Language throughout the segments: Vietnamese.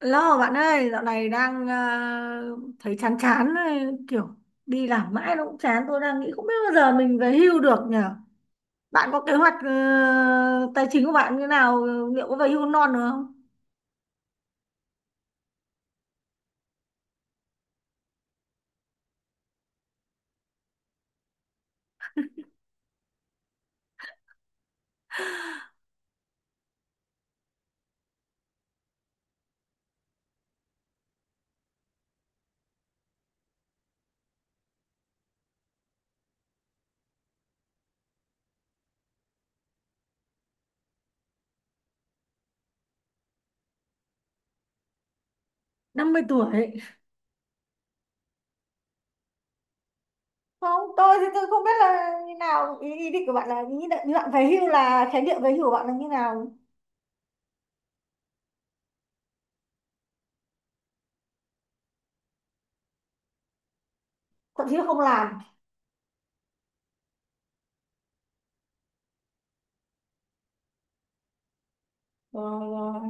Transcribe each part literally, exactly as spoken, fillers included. Lo bạn ơi, dạo này đang ờ, thấy chán chán ấy, kiểu đi làm mãi nó cũng chán. Tôi đang nghĩ không biết bao giờ mình về hưu được nhở? Bạn có kế hoạch ờ, tài chính của bạn như nào, liệu có về hưu non được không? Năm mươi tuổi. Không, tôi thì tôi không biết là như nào ý, ý định của bạn là như định như bạn về hưu là khái niệm về hưu của bạn là như nào? Thậm chí là không làm. Rồi, rồi.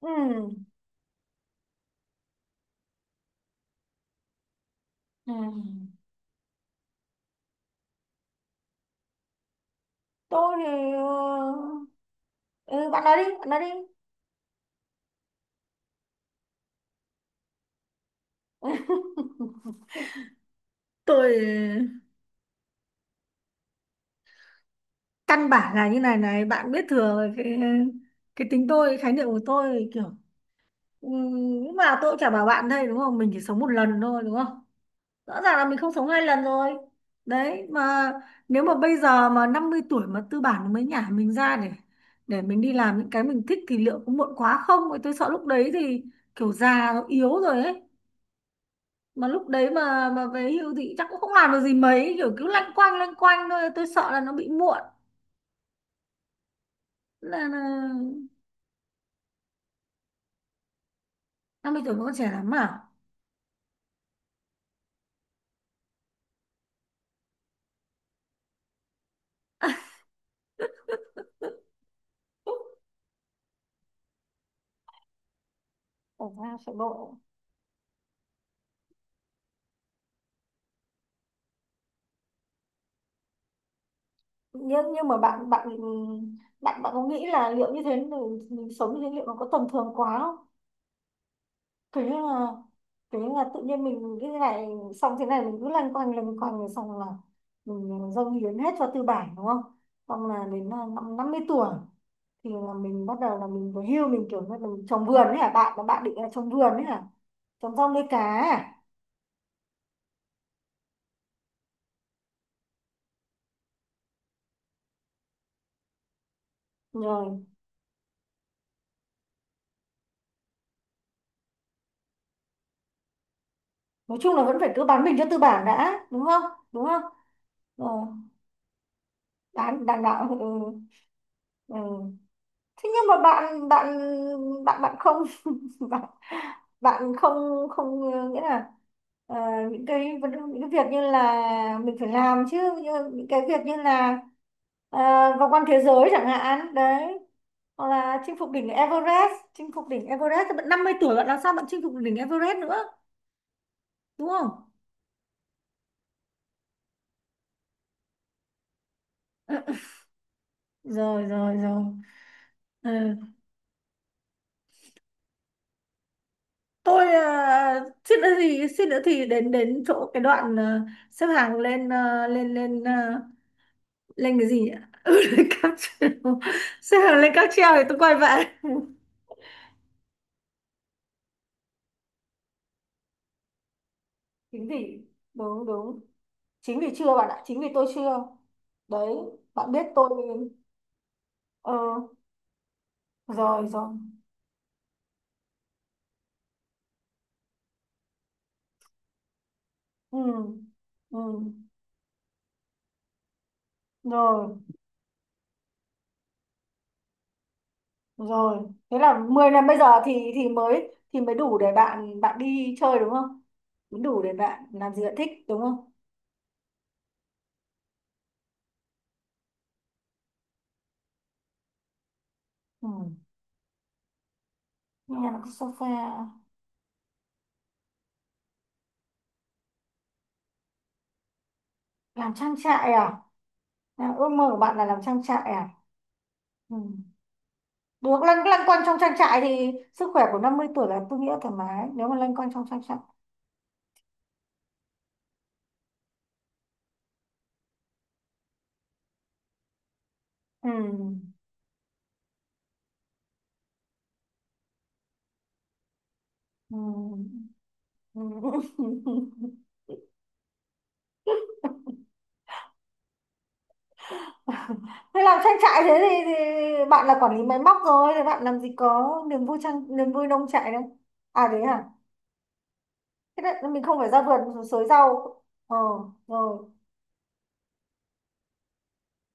Ừ. Ừ. Tôi thì ờ, ừ, bạn nói đi, bạn nói đi. Tôi căn bản là như này này bạn biết thừa rồi, cái cái tính tôi, khái niệm của tôi kiểu ừm, nhưng mà tôi cũng chả bảo bạn đây đúng không, mình chỉ sống một lần thôi đúng không? Rõ ràng là mình không sống hai lần rồi. Đấy mà nếu mà bây giờ mà năm mươi tuổi mà tư bản mới nhả mình ra để để mình đi làm những cái mình thích thì liệu có muộn quá không? Tôi sợ lúc đấy thì kiểu già nó yếu rồi ấy, mà lúc đấy mà mà về hưu thì chắc cũng không làm được gì mấy, kiểu cứ lanh quanh lanh quanh thôi, tôi sợ là nó bị muộn. Là, là năm mươi tuổi vẫn còn trẻ lắm à? Ở ra chạy bộ. Nhưng nhưng mà bạn bạn bạn bạn có nghĩ là liệu như thế mình, mình sống như thế liệu nó có tầm thường quá không? Thế là thế là tự nhiên mình cái này, xong thế này mình cứ lanh quanh lanh quanh rồi xong là mình dâng hiến hết cho tư bản đúng không? Xong là đến à, năm năm mươi tuổi thì là mình bắt đầu là mình về hưu, mình kiểu như mình trồng vườn ấy hả, bạn là bạn định là trồng vườn ấy hả? Trồng rau nuôi cá à? Rồi. Nói chung là vẫn phải cứ bán mình cho tư bản đã đúng không? Đúng không? Ờ, đáng đáng đáng ừ. Ừ. Thế nhưng mà bạn bạn bạn bạn không bạn, bạn không, không ờ, nghĩa là ờ, những cái vấn- những cái việc như là mình phải làm chứ, như, những cái việc như là ờ, vào quan thế giới chẳng hạn, đấy, hoặc là chinh phục đỉnh Everest. Chinh phục đỉnh Everest thì bạn năm mươi tuổi bạn làm sao bạn chinh phục đỉnh Everest nữa, đúng không? Ừ, ừ. Rồi rồi rồi. Ừ. tôi à, suýt nữa thì suýt nữa thì đến đến chỗ cái đoạn, à, xếp hàng lên, à, lên lên, à, lên cái gì nhỉ ừ, lên cáp treo, xếp hàng lên cáp treo thì tôi quay về. Chính vì, đúng đúng, chính vì chưa bạn ạ, chính vì tôi chưa. Đấy, bạn biết tôi. Ờ, rồi rồi. Ừ, ừ. Rồi rồi. Thế là mười năm bây giờ thì thì mới thì mới đủ để bạn bạn đi chơi đúng không? Mới đủ để bạn làm gì bạn thích đúng không? Ừ. Nghe là cái sofa. Làm trang trại à? À, ước mơ của bạn là làm trang trại à? Ừ. Được lăn lăn quanh trong trang trại thì sức khỏe của năm mươi tuổi là tôi nghĩ là thoải mái nếu mà lăn quanh trong trang trại. Ừ. Ừ. Ừ. Thế làm trang trại thế thì, thì bạn là quản lý máy móc rồi thì bạn làm gì có niềm vui trang niềm vui nông trại đâu. À đấy hả? Thế đấy, mình không phải ra vườn xới rau. Ờ, rồi.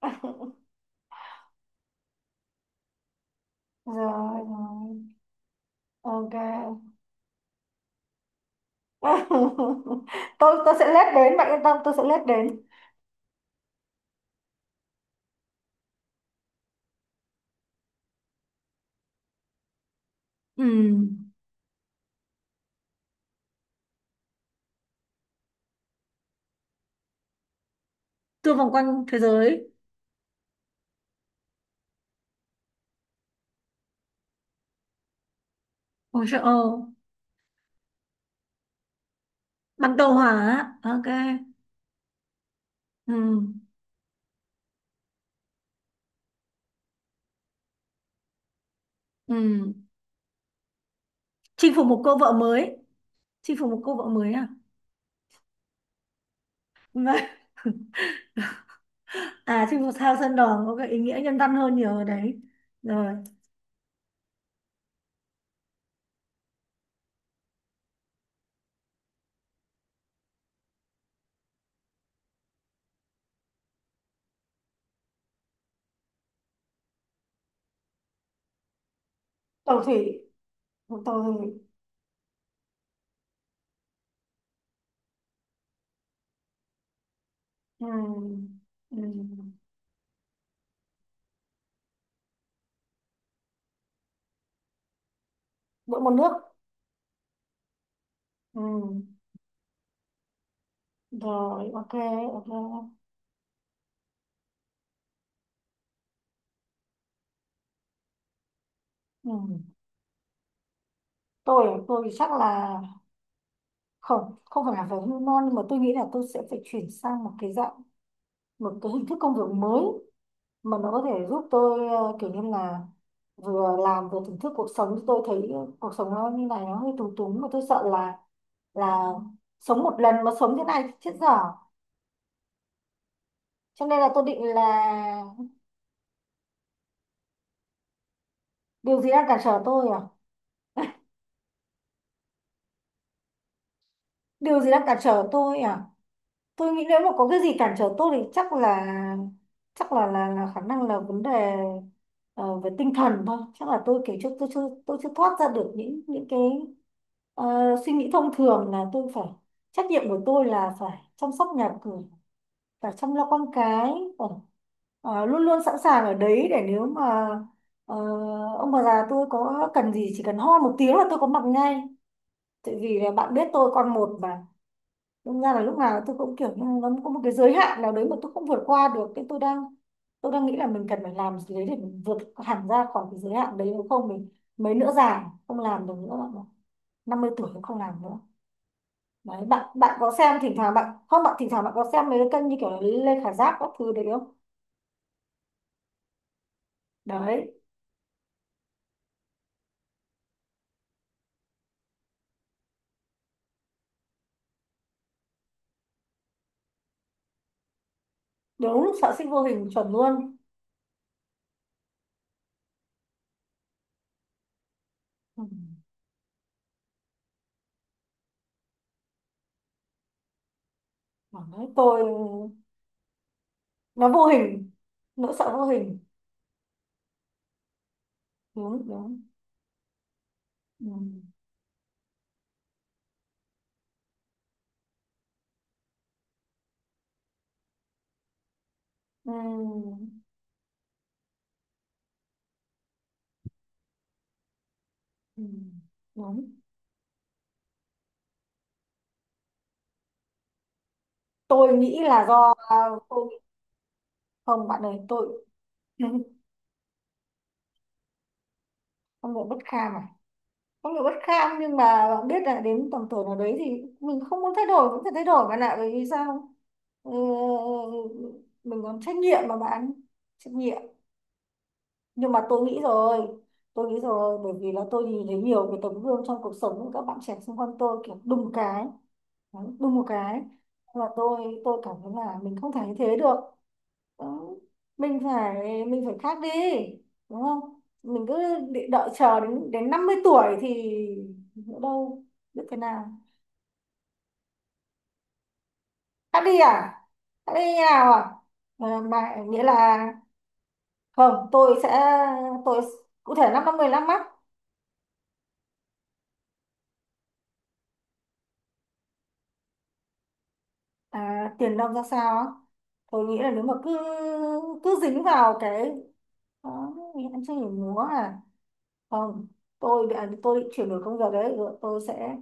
Rồi rồi. Ok. tôi tôi sẽ lết đến, bạn yên tâm, tôi sẽ lết đến. Ừ, tour vòng quanh thế giới. Ôi trời ơi, bằng tàu hỏa. Ok. Ừ, ừ. Chinh phục một cô vợ mới. Chinh phục một cô vợ mới à? Vâng. À, chinh phục sao sơn đỏ có cái ý nghĩa nhân văn hơn nhiều ở đấy. Rồi. Tàu thủy, một tàu thủy. Ừ. Ừ. Mỗi một nước. Ừ. Rồi, ok. Ok. Ừ. tôi tôi chắc là không, không phải là về hormone nhưng mà tôi nghĩ là tôi sẽ phải chuyển sang một cái dạng, một cái hình thức công việc mới mà nó có thể giúp tôi ờ, kiểu như là vừa làm vừa thưởng thức cuộc sống. Tôi thấy cuộc sống nó như này nó hơi túng túng mà tôi sợ là là sống một lần mà sống thế này thì chết dở, cho nên là tôi định là điều gì đang cản trở tôi à? Điều gì đang cản trở tôi à? Tôi nghĩ nếu mà có cái gì cản trở tôi thì chắc là chắc là là, là khả năng, là vấn đề ờ, về tinh thần thôi. Chắc là tôi kiểu chưa, tôi chưa tôi chưa thoát ra được những những cái ờ, suy nghĩ thông thường là tôi phải, trách nhiệm của tôi là phải chăm sóc nhà cửa, phải chăm lo con cái, phải, ờ, luôn luôn sẵn sàng ở đấy để nếu mà ờ, ông bà già tôi có cần gì, chỉ cần ho một tiếng là tôi có mặt ngay, tại vì là bạn biết tôi con một mà. Đúng ra là lúc nào tôi cũng kiểu như nó có một cái giới hạn nào đấy mà tôi không vượt qua được, cái tôi đang tôi đang nghĩ là mình cần phải làm gì đấy để mình vượt hẳn ra khỏi cái giới hạn đấy, nếu không mình mấy nữa già không làm được nữa bạn ạ, năm mươi tuổi cũng không làm nữa. Đấy, bạn bạn có xem thỉnh thoảng bạn không, bạn thỉnh thoảng bạn có xem mấy cái kênh như kiểu là Lê Khả Giáp các thứ đấy không? Đấy. Đúng, sợ sinh vô hình, chuẩn luôn. Ừ. Đấy, tôi, nó vô hình. Nỗi sợ vô hình. Đúng đúng. Ừ. Ừ. Ừ. Đúng. Tôi nghĩ là do, à, tôi. Không bạn ơi, tôi. Con người bất kham à? Con người bất kham nhưng mà bạn biết là đến tầm tuổi nào đấy thì mình không muốn thay đổi cũng phải thay đổi bạn ạ, bởi vì sao? Ừ, mình còn trách nhiệm mà bạn, trách nhiệm. Nhưng mà tôi nghĩ rồi. Tôi nghĩ rồi bởi vì là tôi nhìn thấy nhiều cái tấm gương trong cuộc sống của các bạn trẻ xung quanh tôi, kiểu đùng cái. Đấy, đùng một cái. Và tôi tôi cảm thấy là mình không thể như thế được. Đó. mình phải mình phải khác đi, đúng không? Mình cứ đợi đợi chờ đến đến năm mươi tuổi thì nữa đâu. Biết thế nào. Khác đi à? Khác đi như nào à? Ờ, mà nghĩa là không, tôi sẽ, tôi cụ thể năm năm mười lăm mắt. à, tiền nong ra sao á? Tôi nghĩ là nếu mà cứ cứ dính vào cái đó, em chưa hiểu múa à? Không, tôi đã- tôi định chuyển đổi công việc đấy, rồi tôi sẽ,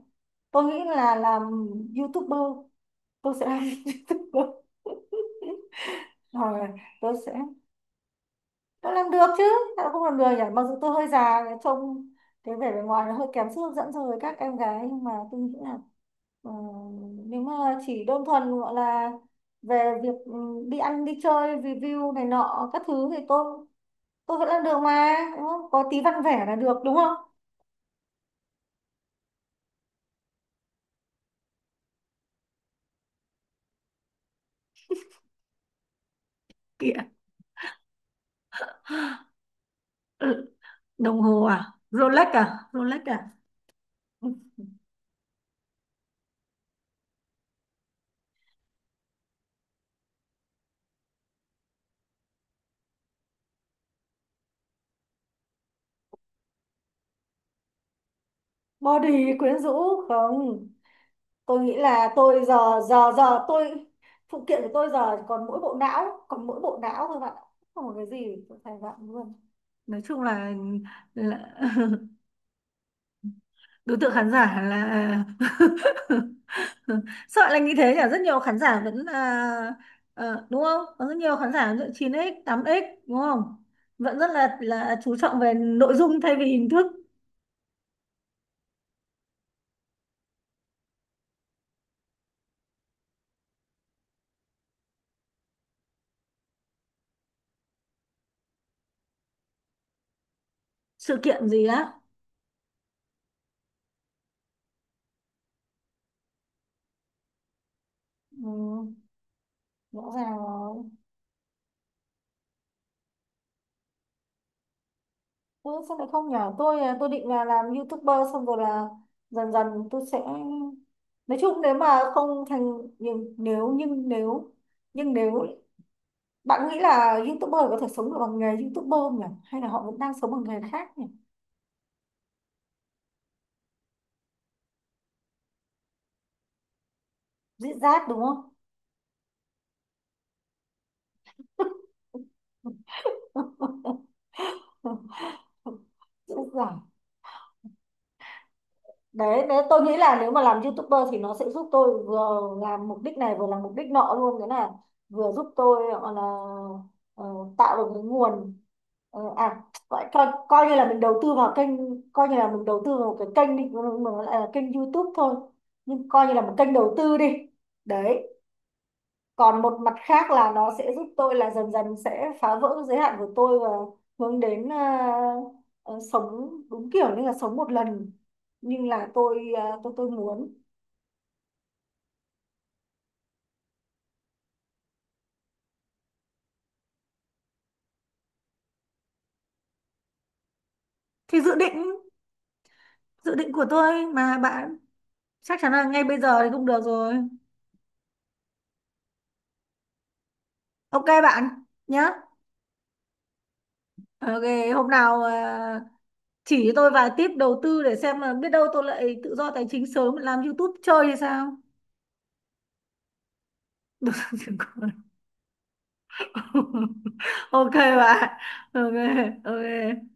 tôi nghĩ là làm youtuber. Tôi sẽ làm youtuber. Rồi tôi sẽ, tôi làm được chứ, sao không làm được nhỉ? Mặc dù tôi hơi già, trông cái vẻ bề ngoài nó hơi kém sức hấp dẫn so với các em gái, nhưng mà tôi nghĩ là ờ, nếu mà chỉ đơn thuần gọi là về việc ừ, đi ăn đi chơi review này nọ các thứ thì tôi tôi vẫn làm được mà, đúng không? Có tí văn vẻ là được đúng không? Kìa. Đồng hồ à? Rolex à? Rolex à? Body quyến rũ không? Tôi nghĩ là tôi giờ, giờ giờ tôi, phụ kiện của tôi giờ còn mỗi bộ não, còn mỗi bộ não thôi bạn ạ. Không có cái gì tôi phải bạn luôn. Nói chung là, là đối tượng khán giả là sợ là như thế nhỉ? Rất nhiều khán giả vẫn là ờ, đúng không? Có rất nhiều khán giả lựa chín x, tám x đúng không? Vẫn rất là là chú trọng về nội dung thay vì hình thức. Sự kiện gì đó. Ừ, rõ ràng rồi. Ừ, sao lại không nhở? Tôi à, tôi định là làm YouTuber xong rồi là dần dần tôi sẽ, nói chung nếu mà không thành, nhưng nếu, nhưng nếu nhưng nếu bạn nghĩ là YouTuber có thể sống được bằng nghề YouTuber không nhỉ? Hay là họ vẫn đang sống bằng nghề khác nhỉ? Dễ dát đúng không? Dễ dàng. Đấy, nếu tôi nghĩ là nếu mà làm YouTuber thì nó sẽ giúp tôi vừa làm mục đích này vừa làm mục đích nọ luôn, cái là vừa giúp tôi gọi là ờ, tạo được cái nguồn, ờ, à coi, coi coi như là mình đầu tư vào kênh, coi như là mình đầu tư vào một cái kênh đi nhưng mà nó lại là kênh YouTube thôi, nhưng coi như là một kênh đầu tư đi. Đấy. Còn một mặt khác là nó sẽ giúp tôi là dần dần sẽ phá vỡ giới hạn của tôi và hướng đến ờ, ờ, sống đúng kiểu như là sống một lần, như là tôi ờ, tôi tôi muốn. Thì dự định, dự định của tôi mà bạn, chắc chắn là ngay bây giờ thì không được rồi. Ok bạn. Nhá. Ok. Hôm nào, à, chỉ cho tôi vài tip đầu tư để xem là biết đâu tôi lại tự do tài chính sớm làm YouTube chơi hay sao. Ok bạn. Ok. Ok.